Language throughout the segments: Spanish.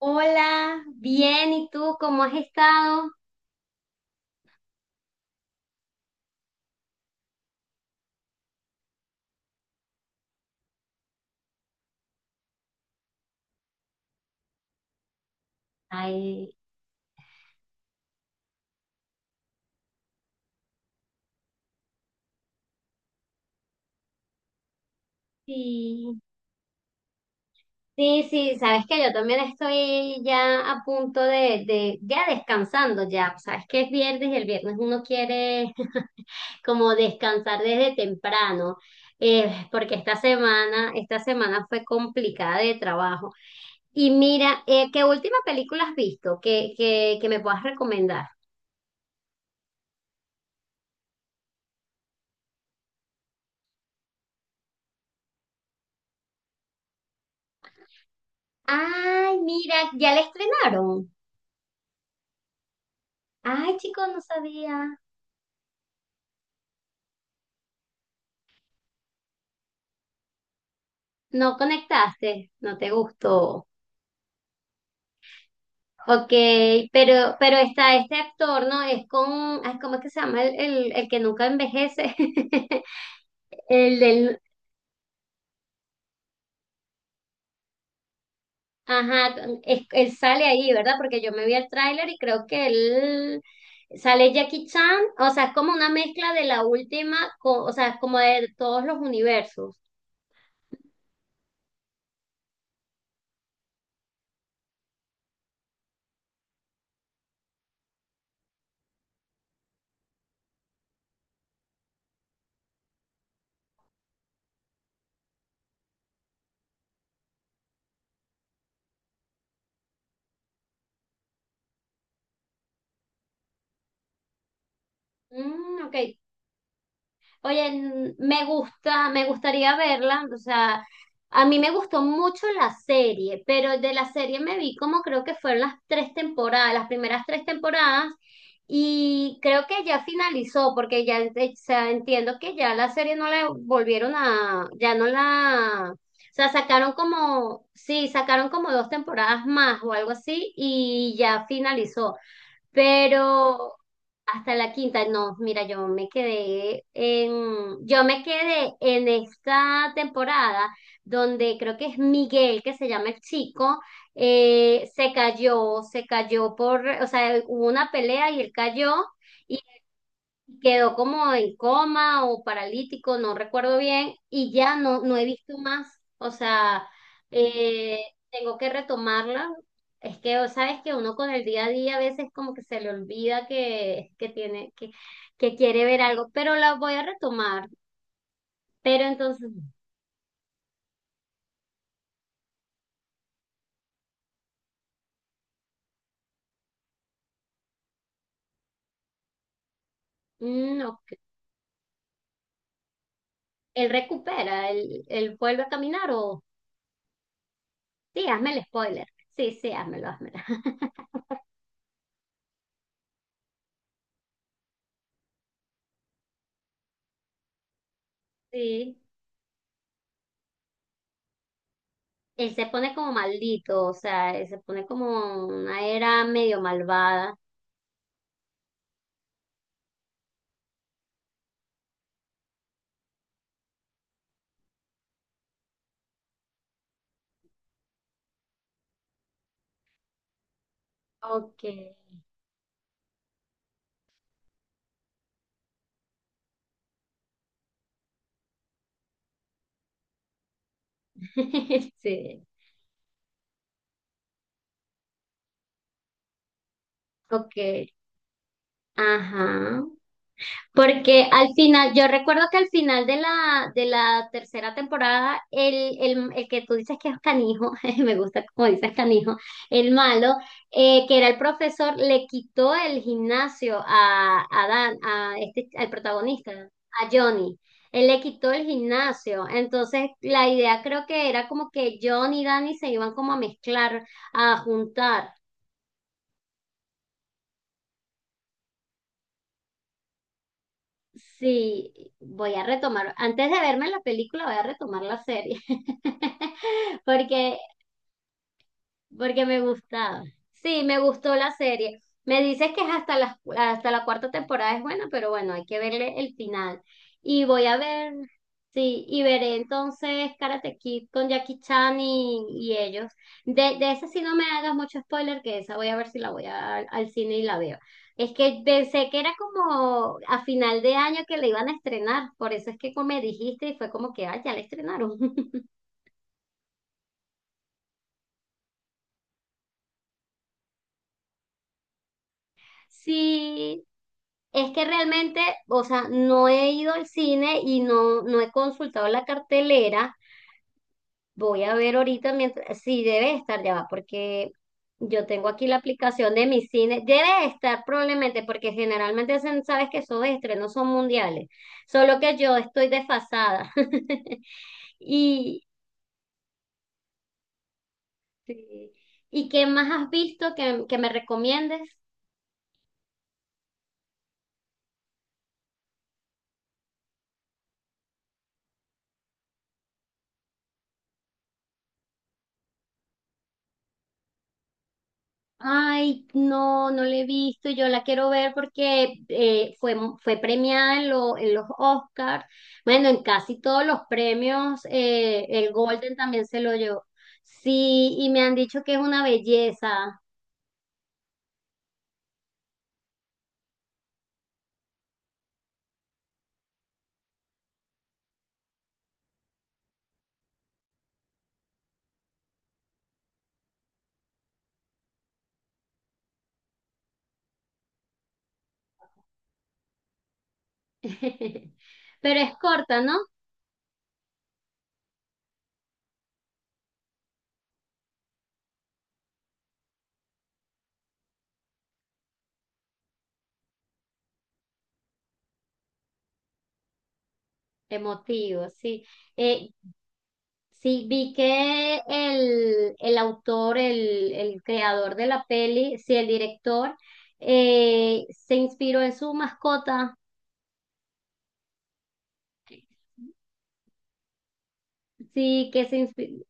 Hola, bien, ¿y tú cómo has estado? Ay, sí, sí, sí, sabes que yo también estoy ya a punto ya descansando ya, sabes que es viernes y el viernes uno quiere como descansar desde temprano, porque esta semana fue complicada de trabajo. Y mira, ¿qué última película has visto que me puedas recomendar? Ay, mira, ya la estrenaron. Ay, chicos, no sabía. No conectaste, no te gustó. Ok, pero está este actor, ¿no? Es con, ay, ¿cómo es que se llama? El que nunca envejece. El del, ajá, él sale ahí, ¿verdad? Porque yo me vi el tráiler y creo que él sale Jackie Chan, o sea, es como una mezcla de la última, o sea, como de todos los universos. Mm, ok. Oye, me gusta, me gustaría verla, o sea, a mí me gustó mucho la serie, pero de la serie me vi como creo que fueron las tres temporadas, las primeras tres temporadas, y creo que ya finalizó, porque ya, o sea, entiendo que ya la serie no la volvieron a, ya no la, o sea, sacaron como, sí, sacaron como dos temporadas más o algo así, y ya finalizó. Pero hasta la quinta, no, mira, yo me quedé en, yo me quedé en esta temporada donde creo que es Miguel, que se llama el chico, se cayó por, o sea, hubo una pelea y él cayó. Y quedó como en coma o paralítico, no recuerdo bien, y ya no, no he visto más. O sea, eh, tengo que retomarla. Es que, o sabes que uno con el día a día a veces como que se le olvida que tiene, que quiere ver algo, pero la voy a retomar. Pero entonces, mm, ok. Él recupera, él vuelve a caminar o sí, hazme el spoiler. Sí, sí, házmelo, házmelo. Sí. Él se pone como maldito, o sea, él se pone como una era medio malvada. Ok. Sí, ok. Ajá. Porque al final, yo recuerdo que al final de la tercera temporada, el que tú dices que es canijo, me gusta como dices canijo, el malo, que era el profesor, le quitó el gimnasio a Dan, a este, al protagonista, a Johnny. Él le quitó el gimnasio. Entonces, la idea creo que era como que Johnny y Danny se iban como a mezclar, a juntar. Sí, voy a retomar, antes de verme la película, voy a retomar la serie, porque porque me gustaba. Sí, me gustó la serie. Me dices que es hasta la cuarta temporada es buena, pero bueno, hay que verle el final. Y voy a ver, sí, y veré entonces Karate Kid con Jackie Chan y ellos. De esa sí no me hagas mucho spoiler, que esa voy a ver si la al cine y la veo. Es que pensé que era como a final de año que la iban a estrenar, por eso es que como me dijiste y fue como que, ah, ya la estrenaron. Sí. Es que realmente, o sea, no he ido al cine y no, no he consultado la cartelera. Voy a ver ahorita mientras, sí, debe estar ya va, porque yo tengo aquí la aplicación de mi cine. Debe estar probablemente, porque generalmente sabes que esos estrenos son mundiales. Solo que yo estoy desfasada. Y, sí. ¿Y qué más has visto que me recomiendes? Ay, no, no la he visto, yo la quiero ver porque fue, fue premiada en, en los Oscars, bueno, en casi todos los premios, el Golden también se lo llevó. Sí, y me han dicho que es una belleza, pero es corta, ¿no? Emotivo, sí. Eh, sí, vi que el autor, el creador de la peli, sí, el director, se inspiró en su mascota. Sí,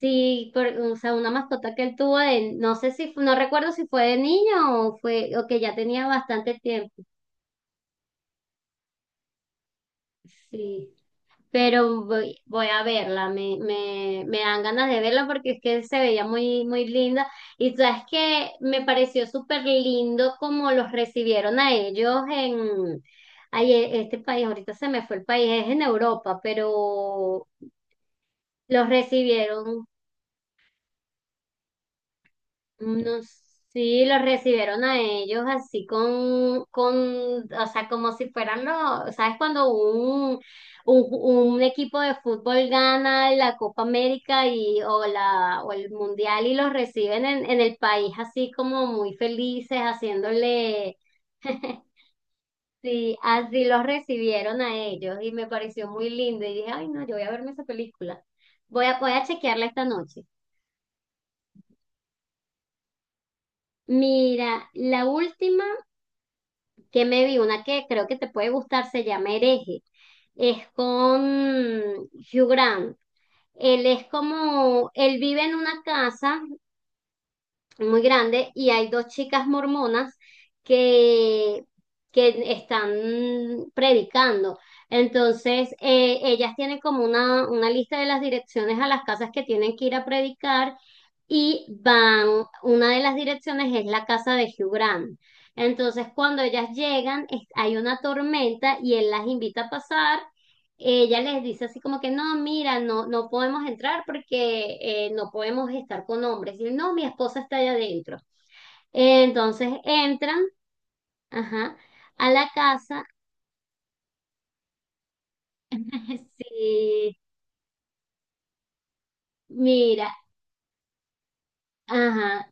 sí, o sea, una mascota que él tuvo de, no sé si, no recuerdo si fue de niño o fue, o que ya tenía bastante tiempo. Sí, pero voy, voy a verla, me dan ganas de verla porque es que se veía muy, muy linda. Y sabes que me pareció súper lindo como los recibieron a ellos en, ay, este país, ahorita se me fue el país, es en Europa, pero los recibieron. No, sí, los recibieron a ellos así con, o sea, como si fueran los, ¿sabes? Cuando un, un equipo de fútbol gana la Copa América y, o la, o el Mundial y los reciben en el país así como muy felices, haciéndole, sí, así los recibieron a ellos y me pareció muy lindo y dije, ay, no, yo voy a verme esa película. Voy a, voy a chequearla esta noche. Mira, la última que me vi una que creo que te puede gustar, se llama Hereje. Es con Hugh Grant. Él es como, él vive en una casa muy grande y hay dos chicas mormonas que, que están predicando. Entonces, ellas tienen como una lista de las direcciones a las casas que tienen que ir a predicar y van, una de las direcciones es la casa de Hugh Grant. Entonces, cuando ellas llegan, hay una tormenta y él las invita a pasar. Ella les dice así como que no, mira, no, no podemos entrar porque no podemos estar con hombres. Y no, mi esposa está allá adentro. Entonces entran, ajá, a la casa. Sí, mira, ajá,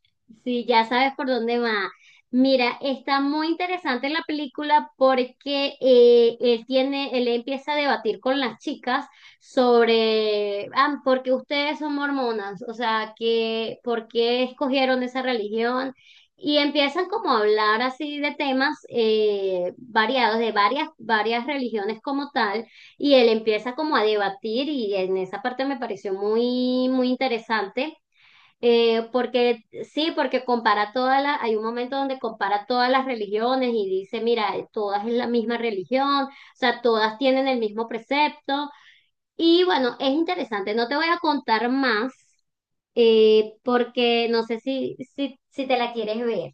sí, ya sabes por dónde va. Mira, está muy interesante la película porque él tiene, él empieza a debatir con las chicas sobre, ah, porque ustedes son mormonas, o sea, que, ¿por qué escogieron esa religión? Y empiezan como a hablar así de temas variados, de varias, varias religiones como tal, y él empieza como a debatir y en esa parte me pareció muy, muy interesante. Porque sí, porque compara todas las, hay un momento donde compara todas las religiones y dice, mira, todas es la misma religión, o sea, todas tienen el mismo precepto. Y bueno, es interesante, no te voy a contar más, porque no sé si te la quieres ver.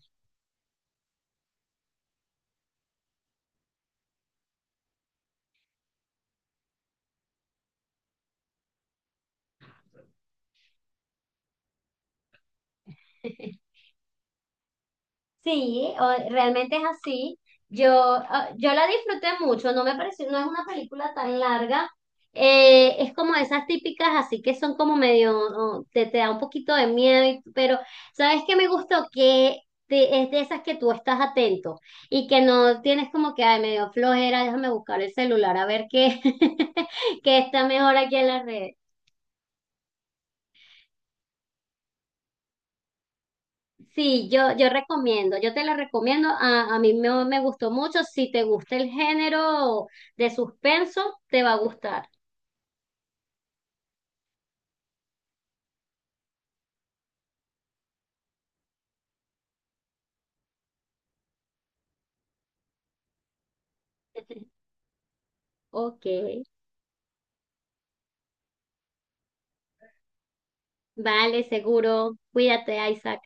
Sí, realmente es así. Yo, ah, yo la disfruté mucho, no me pareció, no es una película tan larga. Es como esas típicas, así que son como medio, oh, te da un poquito de miedo, pero ¿sabes qué me gustó? Que es de esas que tú estás atento y que no tienes como que, ay, medio flojera, déjame buscar el celular a ver qué, qué está mejor aquí en la red. Sí, yo recomiendo, yo te la recomiendo, a mí me, me gustó mucho, si te gusta el género de suspenso, te va a gustar. Ok, vale, seguro, cuídate, Isaac.